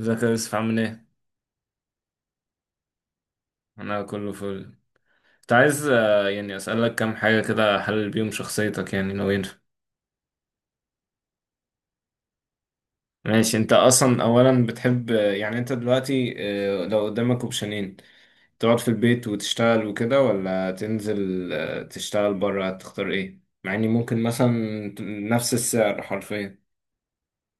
ازيك يا يوسف عامل ايه؟ انا كله فل. كنت عايز يعني اسألك كام حاجة كده احلل بيهم شخصيتك يعني نوين. ماشي، انت اصلا اولا بتحب، يعني انت دلوقتي، لو قدامك اوبشنين تقعد في البيت وتشتغل وكده، ولا تنزل تشتغل بره، هتختار ايه؟ مع اني ممكن مثلا نفس السعر حرفيا،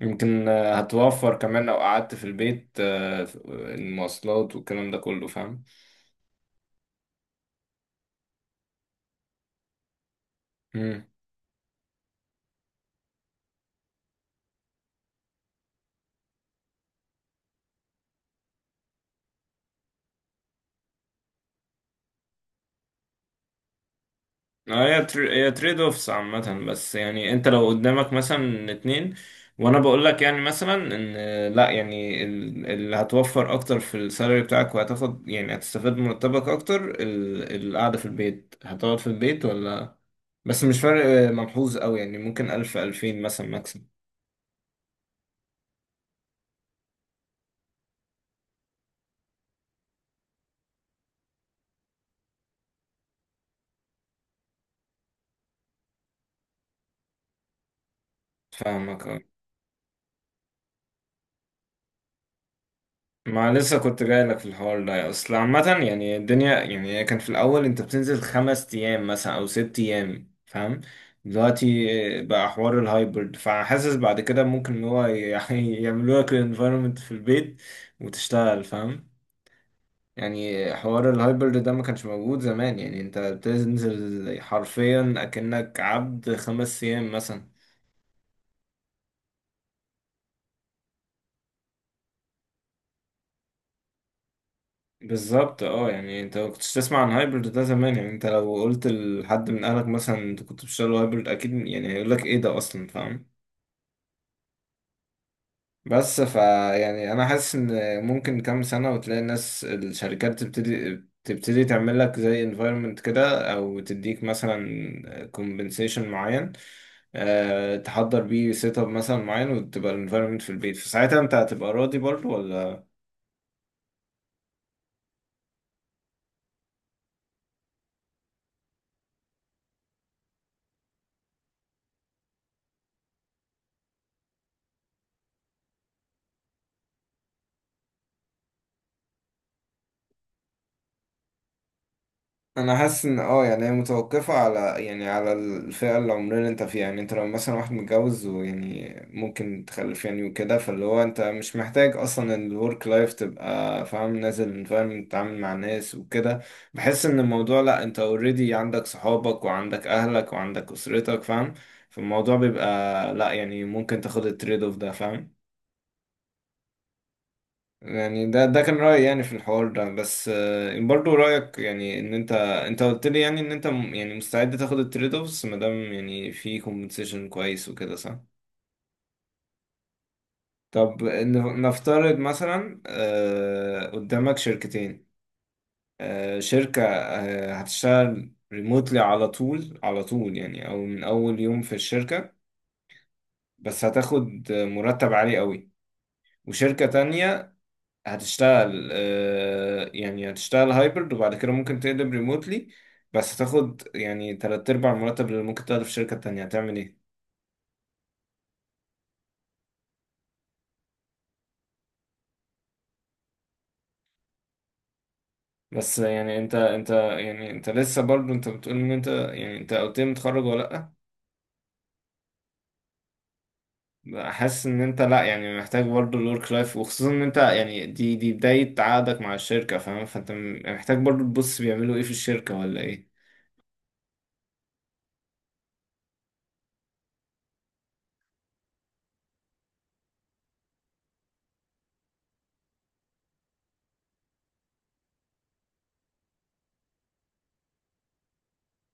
يمكن هتوفر كمان لو قعدت في البيت، المواصلات والكلام ده كله، فاهم؟ اه، هي تريد اوفس عامة. بس يعني انت لو قدامك مثلا اتنين، وانا بقول لك يعني مثلا ان، لا يعني اللي هتوفر اكتر في السالري بتاعك وهتاخد يعني هتستفاد من مرتبك اكتر، القعدة في البيت، هتقعد في البيت ولا؟ بس مش فرق ملحوظ قوي، يعني ممكن الف الفين مثلا ماكسيمم. فاهمك آه. ما لسه كنت جاي لك في الحوار ده. اصل عامة يعني الدنيا، يعني هي كان في الاول انت بتنزل 5 ايام مثلا او 6 ايام، فاهم؟ دلوقتي بقى حوار الهايبرد، فحاسس بعد كده ممكن ان هو يعني يعملوا لك الانفايرمنت في البيت وتشتغل، فاهم؟ يعني حوار الهايبرد ده ما كانش موجود زمان، يعني انت بتنزل حرفيا اكنك عبد 5 ايام مثلا. بالظبط، اه، يعني انت ما كنتش تسمع عن هايبرد ده زمان، يعني انت لو قلت لحد من اهلك مثلا انت كنت بتشتغل هايبرد اكيد يعني هيقول لك ايه ده اصلا، فاهم؟ بس يعني انا حاسس ان ممكن كام سنة وتلاقي الناس، الشركات تبتدي تعمل لك زي environment كده، او تديك مثلا compensation معين، تحضر بيه سيت اب مثلا معين، وتبقى ال environment في البيت. فساعتها انت هتبقى راضي برضه ولا؟ انا حاسس ان يعني هي متوقفه على يعني على الفئه العمريه اللي انت فيها. يعني انت لو مثلا واحد متجوز، ويعني ممكن تخلف يعني وكده، فاللي هو انت مش محتاج اصلا الورك لايف تبقى فاهم، نازل فاهم تتعامل مع ناس وكده. بحس ان الموضوع، لا، انت اوريدي عندك صحابك وعندك اهلك وعندك اسرتك، فاهم؟ فالموضوع بيبقى لا، يعني ممكن تاخد التريد اوف ده، فاهم؟ يعني ده كان رأيي يعني في الحوار ده. بس آه، برضو رأيك، يعني ان انت قلت لي يعني ان انت، يعني مستعد تاخد التريد اوفس، ما دام يعني في كومبنسيشن كويس وكده، صح؟ طب نفترض مثلا قدامك شركتين. شركة هتشتغل ريموتلي على طول، على طول يعني، او من اول يوم في الشركة، بس هتاخد مرتب عالي قوي. وشركة تانية هتشتغل، يعني هتشتغل هايبرد، وبعد كده ممكن تقلب ريموتلي، بس هتاخد يعني تلات أرباع المرتب اللي ممكن تاخده في شركة تانية. هتعمل ايه؟ بس يعني انت، يعني انت لسه برضو، انت بتقول ان انت، يعني انت قلت لي متخرج ولا لأ؟ حاسس ان انت لأ، يعني محتاج برضو الورك لايف، وخصوصا ان انت يعني دي بداية عقدك مع الشركة، فاهم؟ فانت محتاج برضو تبص بيعملوا ايه في الشركة، ولا ايه؟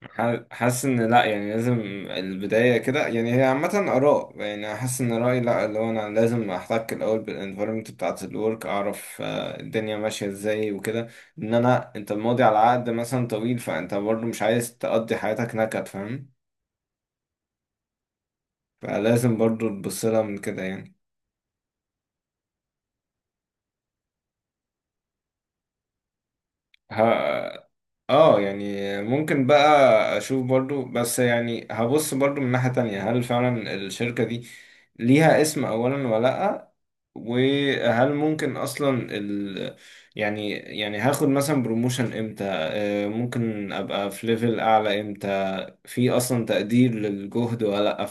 حاسس ان لا، يعني لازم البداية كده. يعني هي عامة آراء. يعني حاسس ان رأيي لا، اللي هو انا لازم احتك الاول بالانفيرومنت بتاعة الورك، اعرف الدنيا ماشية ازاي وكده. ان انا، انت ماضي على عقد مثلا طويل، فانت برضو مش عايز تقضي حياتك نكد، فاهم؟ فلازم برضو تبص لها من كده يعني. اه يعني ممكن بقى اشوف برضو، بس يعني هبص برضو من ناحية تانية، هل فعلا الشركة دي ليها اسم اولا ولا لأ؟ وهل ممكن اصلا ال، يعني هاخد مثلا بروموشن امتى، ممكن ابقى في ليفل اعلى امتى، في اصلا تقدير للجهد ولا لأ؟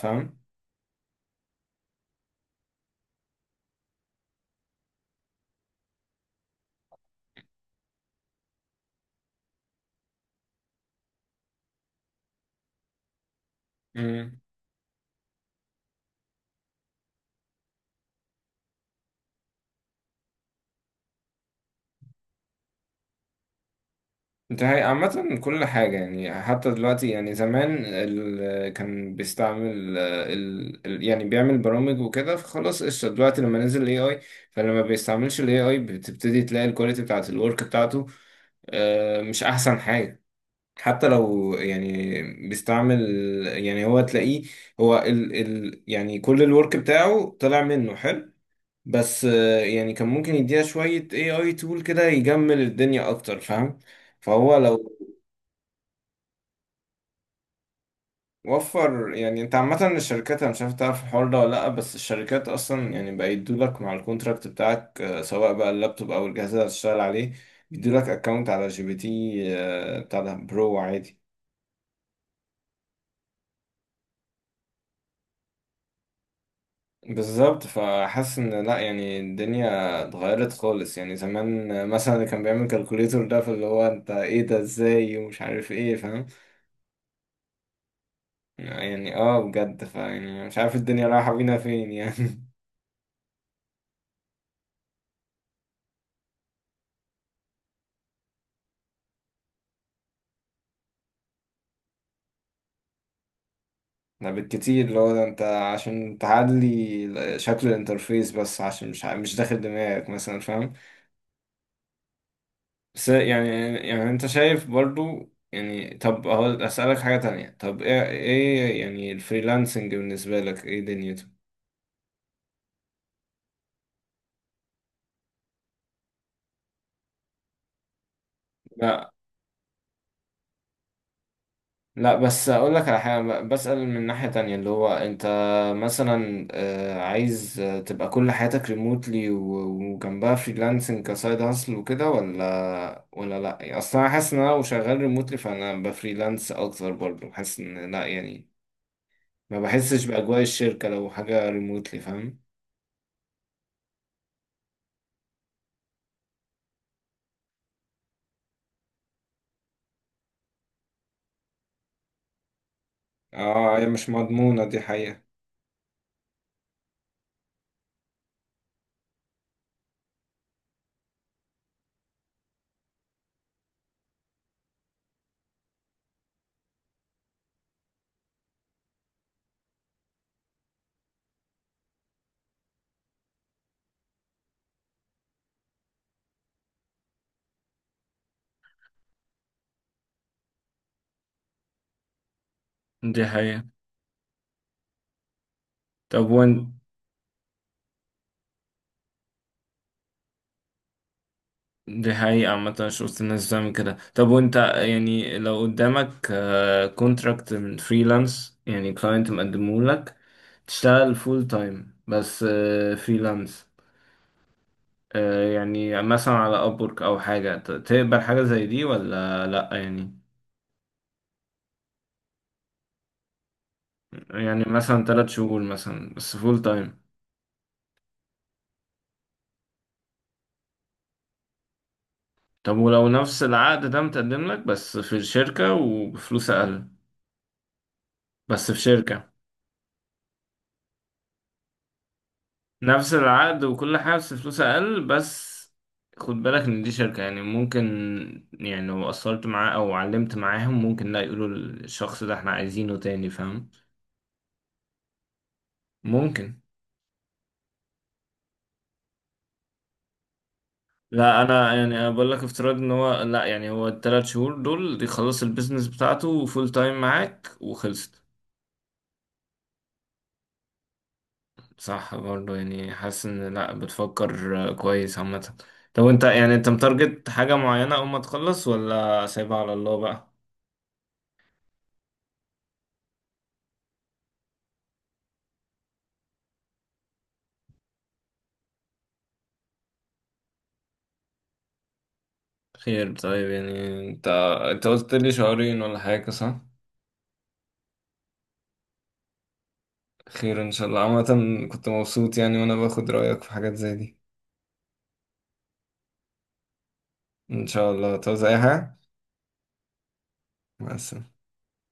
فاهم؟ ده هي عامة كل حاجة يعني. حتى دلوقتي، يعني زمان كان بيستعمل يعني بيعمل برامج وكده، فخلاص قشطة. دلوقتي لما نزل ال AI، فلما ما بيستعملش ال AI بتبتدي تلاقي الكواليتي بتاعت الورك بتاعته مش أحسن حاجة. حتى لو يعني بيستعمل، يعني هو تلاقيه، هو يعني كل الورك بتاعه طلع منه حلو، بس آه، يعني كان ممكن يديها شوية AI tool كده يجمل الدنيا أكتر، فاهم؟ فهو لو، وفر يعني. انت عامة الشركات، انا مش عارف تعرف الحوار ده ولا لأ، بس الشركات اصلا يعني بقى يدولك مع الكونتراكت بتاعك سواء بقى اللابتوب او الجهاز اللي هتشتغل عليه، يدولك اكونت على جي بي تي بتاع ده، برو عادي. بالظبط. فحاسس ان لأ، يعني الدنيا اتغيرت خالص. يعني زمان مثلا اللي كان بيعمل كالكوليتور ده، فاللي هو انت ايه ده ازاي ومش عارف ايه، فاهم؟ يعني اه، بجد، فيعني مش عارف الدنيا رايحة بينا فين يعني. ده بالكتير، اللي هو ده انت عشان تعدلي شكل الانترفيس بس، عشان مش مش داخل دماغك مثلا، فاهم؟ بس يعني، يعني انت شايف برضو. يعني طب اهو اسألك حاجة تانية، طب ايه، ايه يعني الفريلانسنج بالنسبة لك، ايه دنيته؟ لا، لا، بس اقول لك على حاجه، بسأل من ناحيه تانية، اللي هو انت مثلا عايز تبقى كل حياتك ريموتلي وجنبها فريلانسنج كسايد هاسل وكده، ولا، لا يعني اصلا انا حاسس ان انا لو شغال ريموتلي فانا بفريلانس اكتر برضه، حاسس ان لا، يعني ما بحسش باجواء الشركه لو حاجه ريموتلي، فاهم؟ اه هي مش مضمونة دي حقيقة. دي حقيقة. طب وين. دي حقيقة عامة، شفت الناس بتعمل كده. طب وانت يعني لو قدامك كونتراكت من فريلانس يعني، كلاينت مقدمه لك تشتغل فول تايم بس فريلانس، يعني مثلا على ابورك او حاجة، تقبل حاجة زي دي ولا لا يعني؟ يعني مثلا 3 شهور مثلا بس فول تايم. طب ولو نفس العقد ده متقدم لك، بس في الشركة وبفلوس اقل، بس في شركة، نفس العقد وكل حاجة بس فلوس أقل بس. خد بالك إن دي شركة يعني، ممكن يعني لو قصرت معاه أو علمت معاهم ممكن، لا، يقولوا الشخص ده احنا عايزينه تاني، فاهم؟ ممكن. لا، أنا يعني، أنا بقول لك افتراض إن هو، لا، يعني هو التلات شهور دول يخلص البيزنس بتاعته فول تايم معاك وخلصت. صح برضه، يعني حاسس إن لا، بتفكر كويس عامة. طب أنت يعني، أنت متارجت حاجة معينة أول ما تخلص، ولا سايبها على الله بقى؟ خير. طيب، يعني انت قلت لي شهرين ولا حاجة، صح؟ خير ان شاء الله. عامة كنت مبسوط يعني وانا باخد رأيك في حاجات زي دي. ان شاء الله، تعوز اي حاجة؟ مع السلامة.